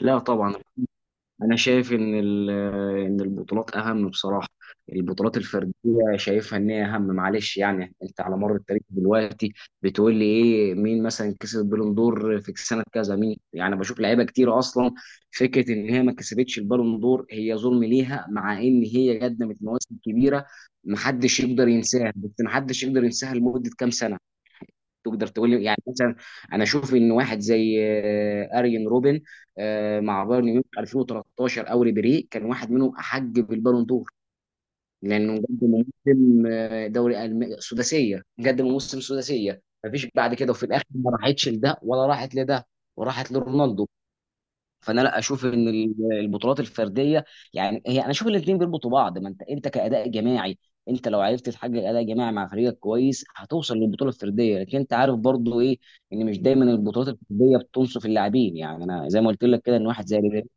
لا طبعا، انا شايف ان البطولات اهم بصراحه. البطولات الفرديه شايفها ان هي اهم، معلش. يعني انت على مر التاريخ دلوقتي بتقول لي ايه؟ مين مثلا كسب البالون دور في سنه كذا؟ مين؟ يعني بشوف لعيبه كتير اصلا فكره ان هي ما كسبتش البالون دور هي ظلم ليها، مع ان هي قدمت مواسم كبيره محدش يقدر ينساها. بس محدش يقدر ينساها لمده كام سنه. تقدر تقول لي يعني مثلا انا اشوف ان واحد زي اريان روبن مع بايرن ميونخ 2013 او ريبيري كان واحد منهم احق بالبالون دور، لانه قدم موسم سداسيه، قدم موسم سداسيه مفيش بعد كده، وفي الاخر ما راحتش لده ولا راحت لده، وراحت لرونالدو. فانا لا اشوف ان البطولات الفرديه، يعني هي انا اشوف الاثنين بيربطوا بعض. ما انت كاداء جماعي، انت لو عرفت تحقق اداء جماعي مع فريقك كويس هتوصل للبطوله الفرديه. لكن انت عارف برضو ايه؟ ان مش دايما البطولات الفرديه بتنصف اللاعبين. يعني انا زي ما قلت لك كده ان واحد زي ريبيري،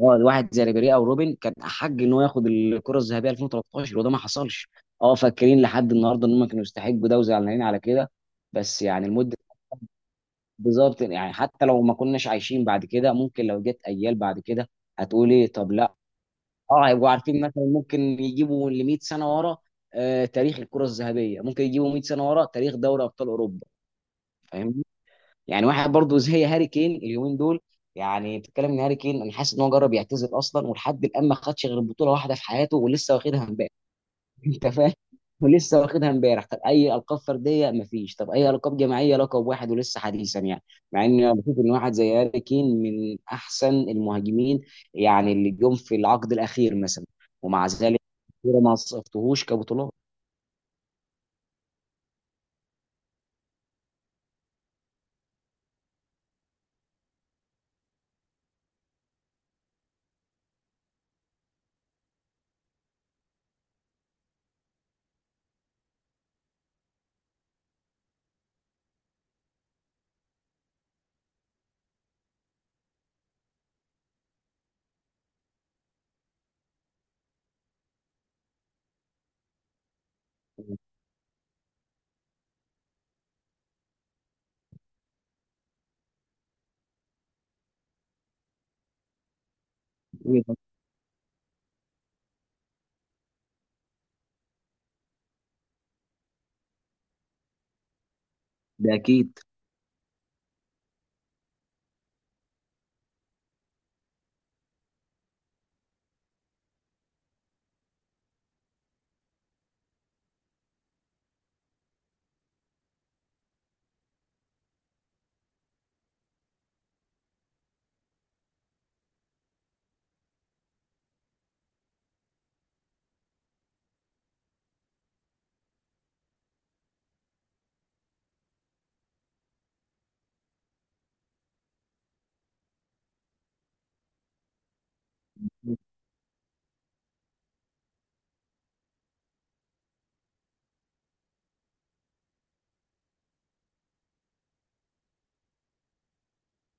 اه، واحد زي ريبيري او روبن كان احق ان هو ياخد الكره الذهبيه 2013 وده ما حصلش. اه، فاكرين لحد النهارده ان هم كانوا يستحقوا ده وزعلانين على كده. بس يعني لمده، بالظبط. يعني حتى لو ما كناش عايشين بعد كده ممكن لو جت اجيال بعد كده هتقول ايه؟ طب لا، اه هيبقوا عارفين، مثلا ممكن يجيبوا ل 100 سنه ورا، تاريخ الكره الذهبيه، ممكن يجيبوا 100 سنه ورا تاريخ دوري ابطال اوروبا. فاهمني؟ يعني واحد برضو زي هاري كين اليومين دول، يعني بتتكلم ان هاري كين انا حاسس ان هو جرب يعتزل اصلا، ولحد الان ما خدش غير بطوله واحده في حياته ولسه واخدها امبارح. انت فاهم؟ ولسه واخدها امبارح. طب اي القاب فرديه مفيش، طب اي القاب جماعيه، لقب واحد ولسه حديثا. يعني مع ان انا بشوف ان واحد زي هاري كين من احسن المهاجمين يعني اللي جم في العقد الاخير مثلا، ومع ذلك كورة ما صفتهوش كبطولات. ده اكيد.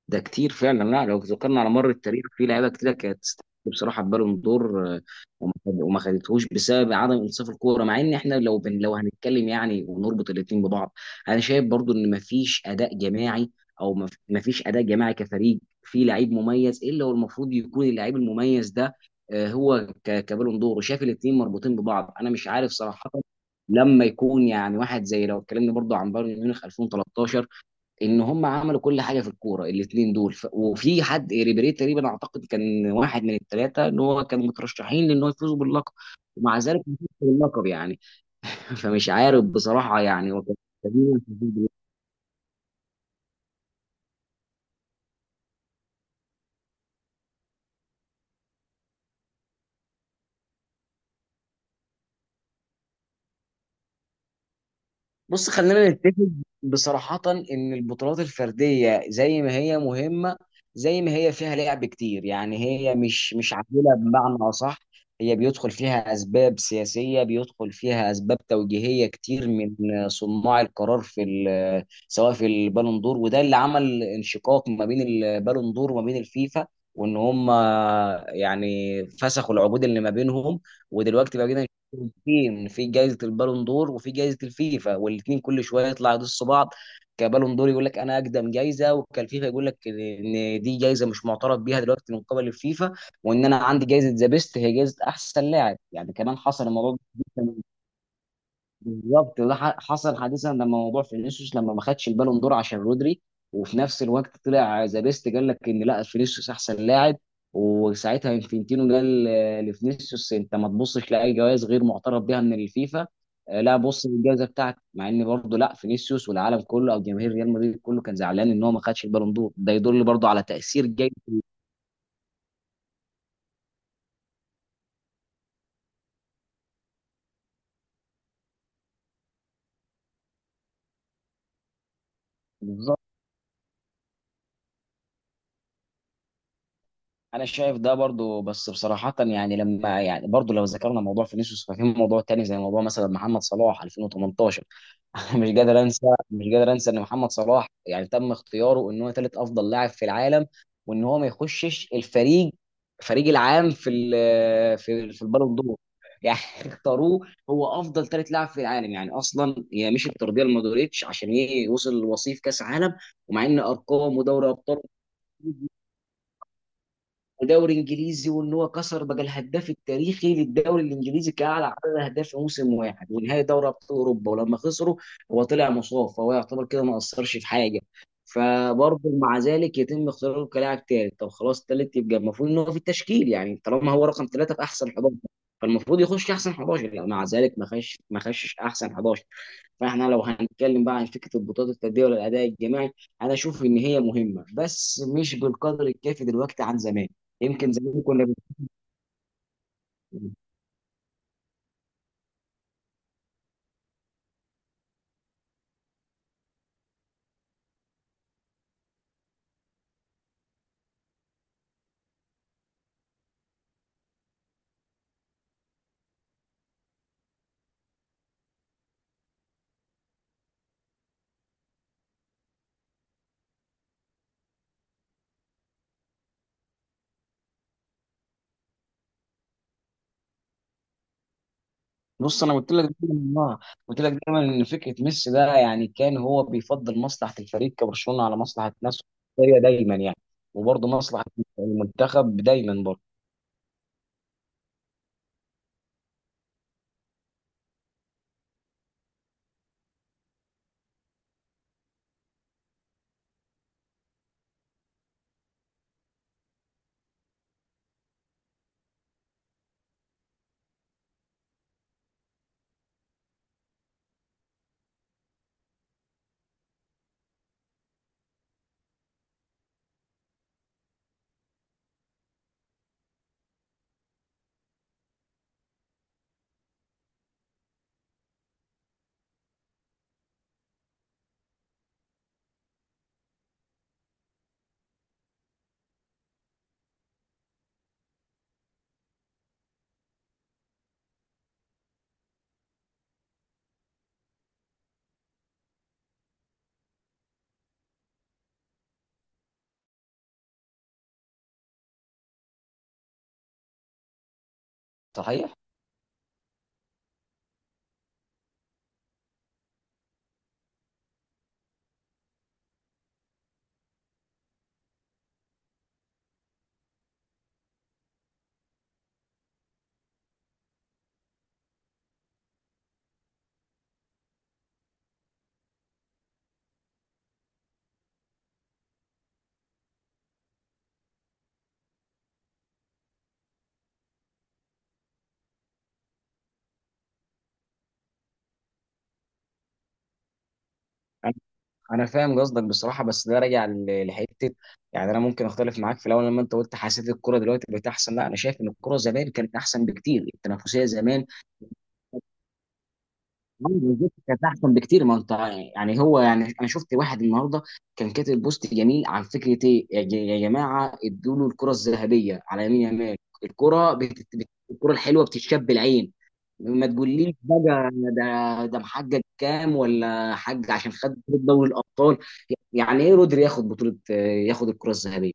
ده كتير فعلا، لا لو ذكرنا على مر التاريخ في لعيبه كتير كانت تستحق بصراحه بالون دور، وما خدتهوش بسبب عدم انصاف الكوره. مع ان احنا لو هنتكلم يعني ونربط الاثنين ببعض، انا شايف برضو ان مفيش اداء جماعي، او مفيش اداء جماعي كفريق في لعيب مميز الا هو المفروض يكون اللعيب المميز ده، هو كبالون دور. وشايف الاثنين مربوطين ببعض، انا مش عارف صراحه. لما يكون يعني واحد زي، لو اتكلمنا برضو عن بايرن ميونخ 2013، ان هم عملوا كل حاجه في الكوره الاثنين دول، وفي حد ريبيري تقريبا اعتقد كان واحد من الثلاثه ان هو كانوا مترشحين لان هو يفوز باللقب، ومع ذلك ما فازش باللقب. يعني فمش عارف بصراحه يعني هو كان. بص، خلينا نتفق بصراحة إن البطولات الفردية زي ما هي مهمة زي ما هي فيها لعب كتير، يعني هي مش عادلة بمعنى أصح. هي بيدخل فيها أسباب سياسية، بيدخل فيها أسباب توجيهية كتير من صناع القرار سواء في البالون دور، وده اللي عمل انشقاق ما بين البالون دور وما بين الفيفا. وإن هم يعني فسخوا العقود اللي ما بينهم، ودلوقتي بقينا جايزتين: في جايزه البالون دور وفي جايزه الفيفا، والاثنين كل شويه يطلع يدسوا بعض. كبالون دور يقول لك انا اقدم جايزه، وكالفيفا يقول لك ان دي جايزه مش معترف بيها دلوقتي من قبل الفيفا، وان انا عندي جايزه ذا بيست هي جايزه احسن لاعب. يعني كمان حصل الموضوع ده بالظبط، ده حصل حديثا لما موضوع فينيسيوس لما ما خدش البالون دور عشان رودري، وفي نفس الوقت طلع ذا بيست قال لك ان لا، فينيسيوس احسن لاعب. وساعتها انفنتينو قال لفينيسيوس انت ما تبصش لاي جوائز غير معترف بها من الفيفا، لا بص للجائزه بتاعتك. مع ان برضه لا، فينيسيوس والعالم كله او جماهير ريال مدريد كله كان زعلان ان هو ما خدش البالون دور، ده يدل برضه على تاثير جيد. بالظبط، انا شايف ده برضو. بس بصراحه يعني لما يعني برضو لو ذكرنا موضوع فينيسيوس، ففي موضوع تاني زي موضوع مثلا محمد صلاح 2018. انا مش قادر انسى ان محمد صلاح يعني تم اختياره ان هو ثالث افضل لاعب في العالم، وان هو ما يخشش الفريق، فريق العام في ال- في في البالون دور. يعني اختاروه هو افضل ثالث لاعب في العالم، يعني اصلا هي مش الترضيه لمودريتش عشان يوصل لوصيف كاس عالم. ومع ان ارقام ودوري ابطال ودوري انجليزي، وان هو كسر بقى الهداف التاريخي للدوري الانجليزي كاعلى عدد اهداف في موسم واحد، ونهائي دوري ابطال اوروبا ولما خسروا هو طلع مصاب فهو يعتبر كده ما اثرش في حاجه. فبرضه مع ذلك يتم اختياره كلاعب ثالث، طب خلاص ثالث يبقى المفروض ان هو في التشكيل. يعني طالما هو رقم ثلاثه في احسن 11 فالمفروض يخش احسن 11، لا مع ذلك ما خش، ما خشش احسن 11. فاحنا لو هنتكلم بقى عن فكره البطولات الفرديه ولا الاداء الجماعي، انا اشوف ان هي مهمه بس مش بالقدر الكافي دلوقتي عن زمان. يمكن زمان كنا بص انا قلت لك دايما، والله، قلت لك دايما ان فكره ميسي ده يعني كان هو بيفضل مصلحه الفريق كبرشلونه على مصلحه نفسه، هي دايما يعني. وبرضه مصلحه المنتخب دايما برضه. صحيح، انا فاهم قصدك بصراحه. بس ده راجع لحته. يعني انا ممكن اختلف معاك في الاول لما انت قلت حسيت الكوره دلوقتي بقت احسن، لا انا شايف ان الكوره زمان كانت احسن بكتير، التنافسيه زمان بالظبط كانت احسن بكتير. ما انت يعني هو يعني، انا شفت واحد النهارده كان كاتب بوست جميل عن فكره ايه، يا جماعه ادوا له الكره الذهبيه على يمين يمال. الكره الكره الحلوه بتتشاب العين، ما تقوليش بقى ده محقق كام ولا حق عشان خد بطولة دوري الابطال. يعني ايه رودري ياخد بطولة، ياخد الكرة الذهبية؟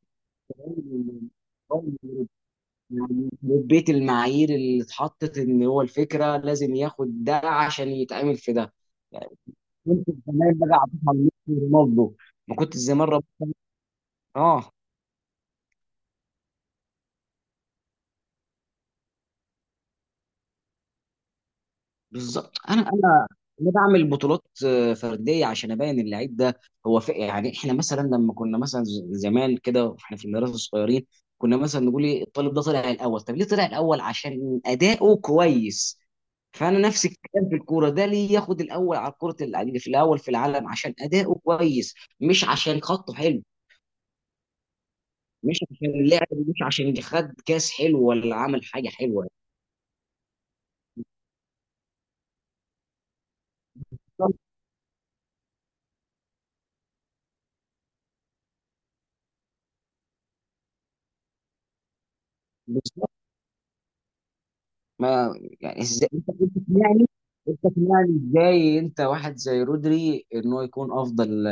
يعني بيت المعايير اللي اتحطت ان هو الفكرة لازم ياخد ده عشان يتعمل في ده. يعني كنت زمان بقى عطيتها لميسي ورونالدو، ما كنت زمان اه بالظبط. انا بعمل بطولات فرديه عشان ابين اللعيب ده. هو في يعني احنا مثلا لما كنا مثلا زمان كده واحنا في المدرسه الصغيرين، كنا مثلا نقول ايه؟ الطالب ده طلع الاول، طب ليه طلع الاول؟ عشان اداؤه كويس. فانا نفس الكلام في الكوره ده، ليه ياخد الاول على الكره اللي في الاول في العالم؟ عشان اداؤه كويس، مش عشان خطه حلو، مش عشان لعب، مش عشان خد كاس حلو ولا عمل حاجه حلوه. بالظبط. ما يعني ازاي انت، أنت تقنعني، انت تقنعني ازاي انت واحد زي رودري ان هو يكون افضل؟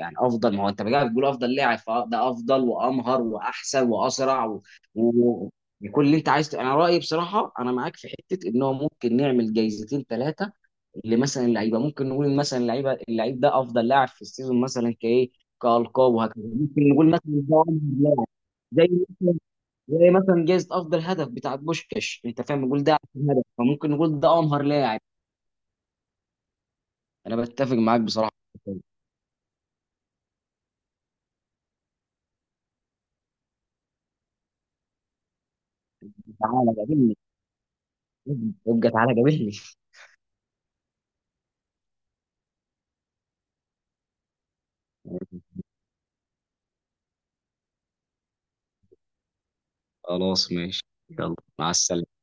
يعني افضل، ما هو انت بقى بتقول افضل لاعب، فده افضل وامهر واحسن واسرع و... وكل اللي انت عايز. انا رايي بصراحه انا معاك في حته ان هو ممكن نعمل جايزتين ثلاثه لمثلا اللعيبه، ممكن نقول مثلا اللعيب ده افضل لاعب في السيزون مثلا كايه، كالقاب وهكذا، ممكن نقول مثلا ده أفضل لاعب. زي، زي مثلا جايزة أفضل هدف بتاع بوشكاش، أنت فاهم؟ نقول ده أحسن هدف، فممكن نقول ده أمهر لاعب. أنا بتفق معاك بصراحة. تعالى قابلني، ابقى تعالى قابلني. خلاص ماشي، يلا مع السلامة.